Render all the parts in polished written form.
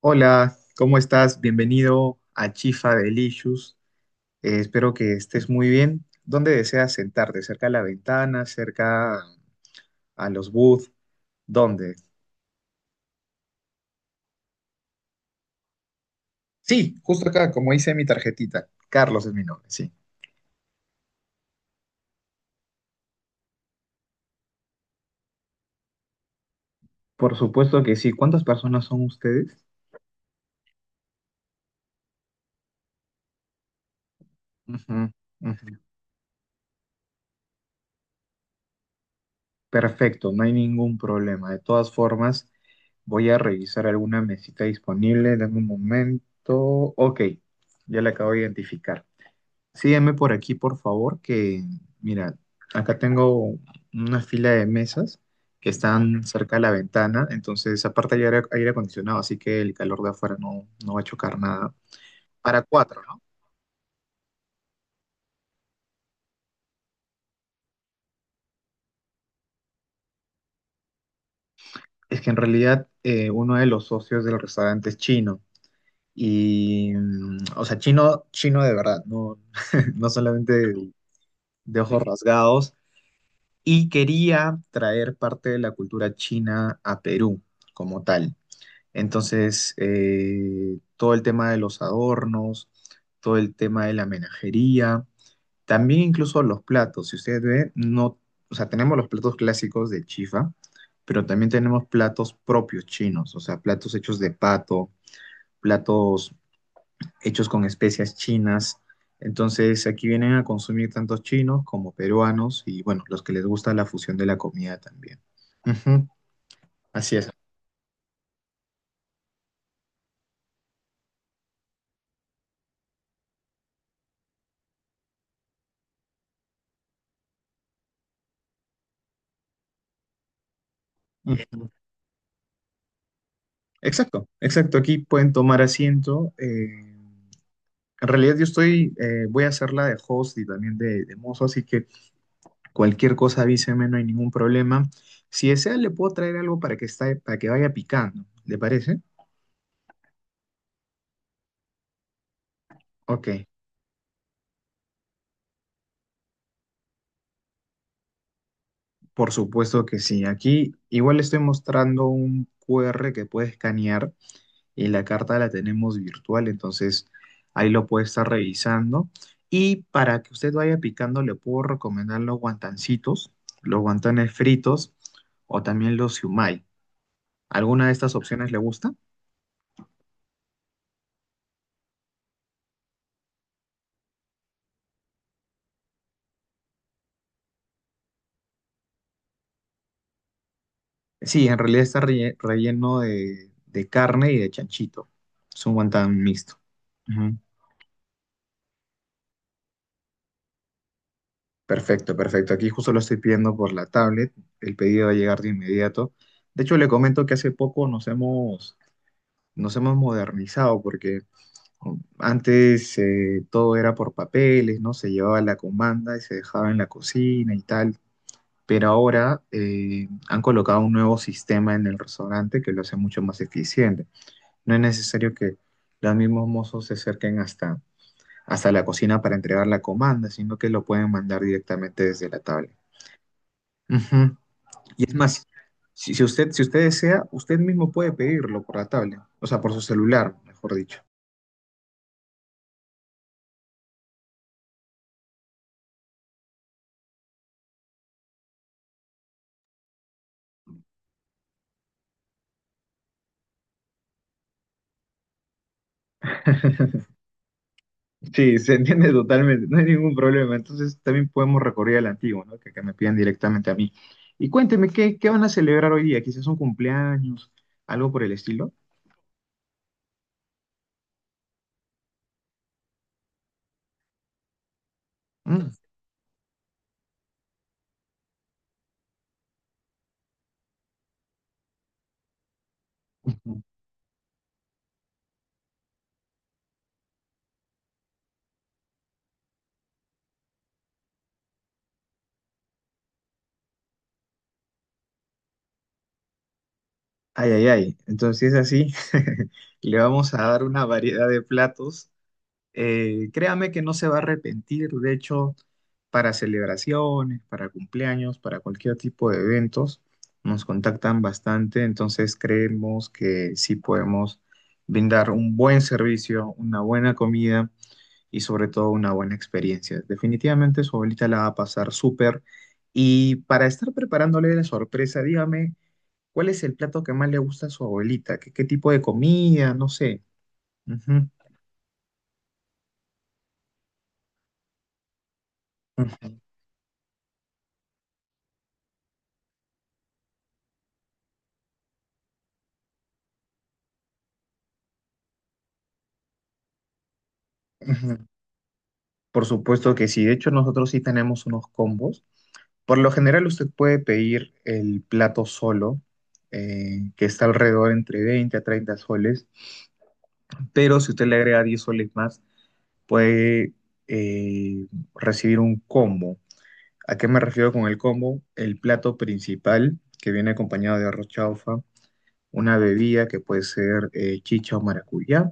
Hola, ¿cómo estás? Bienvenido a Chifa Delicious. Espero que estés muy bien. ¿Dónde deseas sentarte? ¿Cerca a la ventana? ¿Cerca a los booths? ¿Dónde? Sí, justo acá, como dice mi tarjetita. Carlos es mi nombre, sí. Por supuesto que sí. ¿Cuántas personas son ustedes? Ujú, ujú. Perfecto, no hay ningún problema. De todas formas, voy a revisar alguna mesita disponible. Dame un momento. Ok, ya la acabo de identificar. Sígueme por aquí, por favor, que mira, acá tengo una fila de mesas que están cerca de la ventana. Entonces, aparte, hay aire acondicionado, así que el calor de afuera no, no va a chocar nada. Para cuatro, ¿no? Es que en realidad uno de los socios del restaurante es chino, y, o sea, chino, chino de verdad, no, no solamente de ojos rasgados, y quería traer parte de la cultura china a Perú como tal. Entonces, todo el tema de los adornos, todo el tema de la menajería, también incluso los platos. Si ustedes ven, no, o sea, tenemos los platos clásicos de chifa, pero también tenemos platos propios chinos, o sea, platos hechos de pato, platos hechos con especias chinas. Entonces, aquí vienen a consumir tantos chinos como peruanos y, bueno, los que les gusta la fusión de la comida también. Ujú, así es. Exacto, exacto. Aquí pueden tomar asiento. En realidad yo estoy, voy a hacer la de host y también de mozo, así que cualquier cosa avíseme, no hay ningún problema. Si desea, le puedo traer algo para que vaya picando. ¿Le parece? Ok, por supuesto que sí. Aquí igual le estoy mostrando un QR que puede escanear y la carta la tenemos virtual, entonces ahí lo puede estar revisando. Y para que usted vaya picando, le puedo recomendar los guantancitos, los guantanes fritos o también los siumai. ¿Alguna de estas opciones le gusta? Sí, en realidad está relleno de carne y de chanchito. Es un guantán mixto. Ujú. Perfecto, perfecto. Aquí justo lo estoy pidiendo por la tablet. El pedido va a llegar de inmediato. De hecho, le comento que hace poco nos hemos modernizado, porque antes todo era por papeles, ¿no? Se llevaba la comanda y se dejaba en la cocina y tal. Pero ahora han colocado un nuevo sistema en el restaurante que lo hace mucho más eficiente. No es necesario que los mismos mozos se acerquen hasta la cocina para entregar la comanda, sino que lo pueden mandar directamente desde la tabla. Ujú. Y es más, si usted desea, usted mismo puede pedirlo por la tabla, o sea, por su celular, mejor dicho. Sí, se entiende totalmente, no hay ningún problema. Entonces también podemos recurrir al antiguo, ¿no? Que me pidan directamente a mí. Y cuénteme, ¿qué van a celebrar hoy día? Quizás un cumpleaños, algo por el estilo. Mm. Ay, ay, ay. Entonces así, le vamos a dar una variedad de platos. Créame que no se va a arrepentir. De hecho, para celebraciones, para cumpleaños, para cualquier tipo de eventos, nos contactan bastante, entonces creemos que sí podemos brindar un buen servicio, una buena comida y sobre todo una buena experiencia. Definitivamente su abuelita la va a pasar súper. Y para estar preparándole la sorpresa, dígame, ¿cuál es el plato que más le gusta a su abuelita? ¿Qué, qué tipo de comida? No sé. Ujú, ujú, ujú. Por supuesto que sí. De hecho, nosotros sí tenemos unos combos. Por lo general, usted puede pedir el plato solo, que está alrededor entre 20 a 30 soles. Pero si usted le agrega 10 soles más, puede eh, recibir un combo. ¿A qué me refiero con el combo? El plato principal, que viene acompañado de arroz chaufa, una bebida que puede ser chicha o maracuyá.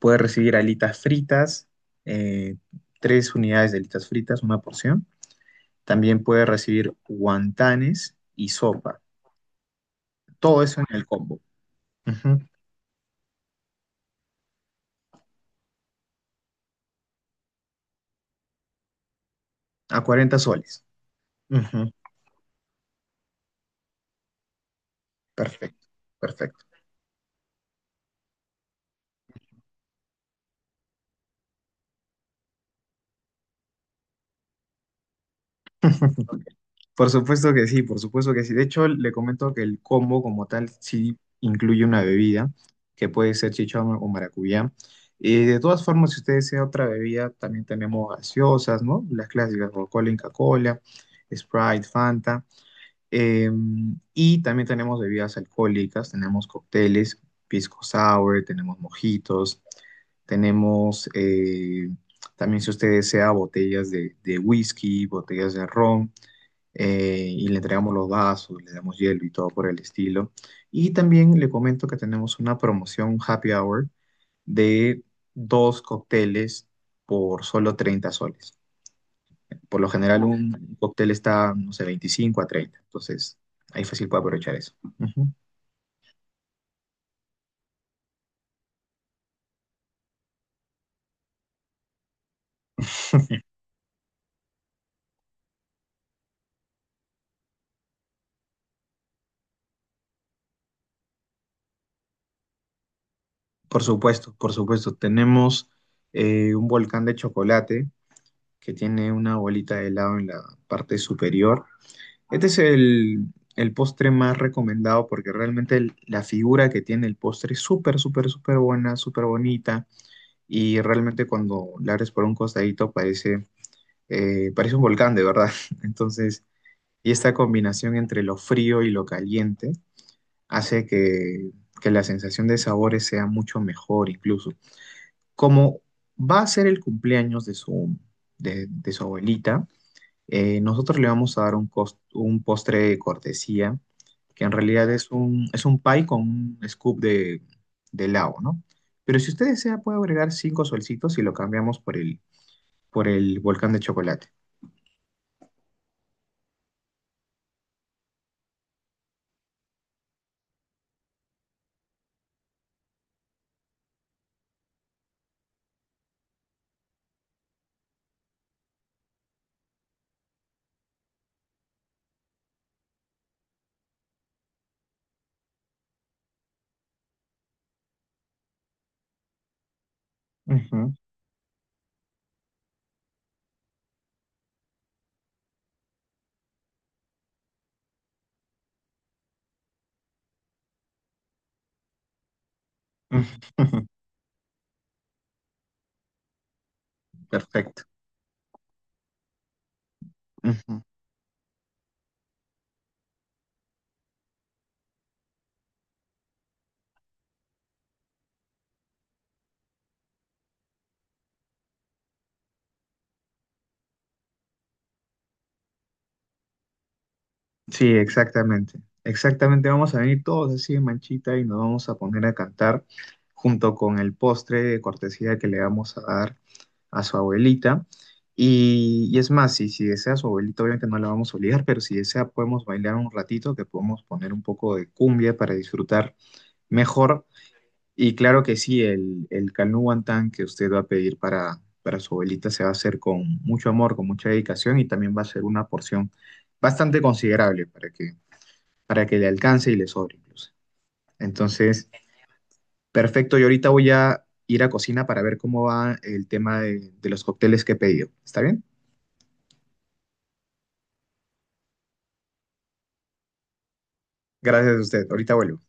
Puede recibir alitas fritas, eh, tres unidades de alitas fritas, una porción. También puede recibir guantanes y sopa. Todo eso en el combo. Ujú. A 40 soles. Ujú. Perfecto, perfecto. Por supuesto que sí, por supuesto que sí. De hecho, le comento que el combo como tal sí incluye una bebida, que puede ser chichón o maracuyá. Y de todas formas, si usted desea otra bebida, también tenemos gaseosas, ¿no? Las clásicas, Coca-Cola, Inca Kola, Sprite, Fanta. Eh, y también tenemos bebidas alcohólicas, tenemos cócteles, pisco sour, tenemos mojitos, tenemos también, si usted desea, botellas de whisky, botellas de ron, y le entregamos los vasos, le damos hielo y todo por el estilo. Y también le comento que tenemos una promoción happy hour de dos cócteles por solo 30 soles. Por lo general un cóctel está, no sé, 25 a 30. Entonces, ahí fácil puede aprovechar eso. Ujú. Por supuesto, por supuesto. Tenemos un volcán de chocolate que tiene una bolita de helado en la parte superior. Este es el postre más recomendado porque realmente la figura que tiene el postre es súper, súper, súper buena, súper bonita. Y realmente cuando la abres por un costadito parece, parece un volcán, de verdad. Entonces... Y esta combinación entre lo frío y lo caliente hace que la sensación de sabores sea mucho mejor incluso. Como va a ser el cumpleaños de su abuelita, nosotros le vamos a dar un postre de cortesía, que en realidad es un pie con un scoop de helado, ¿no? Pero si usted desea, puede agregar cinco solcitos y lo cambiamos por el volcán de chocolate. Ujú, ujú, perfecto. Ujú. Sí, exactamente. Exactamente, vamos a venir todos así de manchita y nos vamos a poner a cantar junto con el postre de cortesía que le vamos a dar a su abuelita. Y es más, si desea su abuelita, obviamente no la vamos a obligar, pero si desea podemos bailar un ratito, que podemos poner un poco de cumbia para disfrutar mejor. Y claro que sí, el canú guantán que usted va a pedir para su abuelita se va a hacer con mucho amor, con mucha dedicación y también va a ser una porción bastante considerable para que le alcance y le sobre incluso. Entonces, perfecto, yo ahorita voy a ir a cocina para ver cómo va el tema de los cócteles que he pedido. ¿Está bien? Gracias a usted, ahorita vuelvo.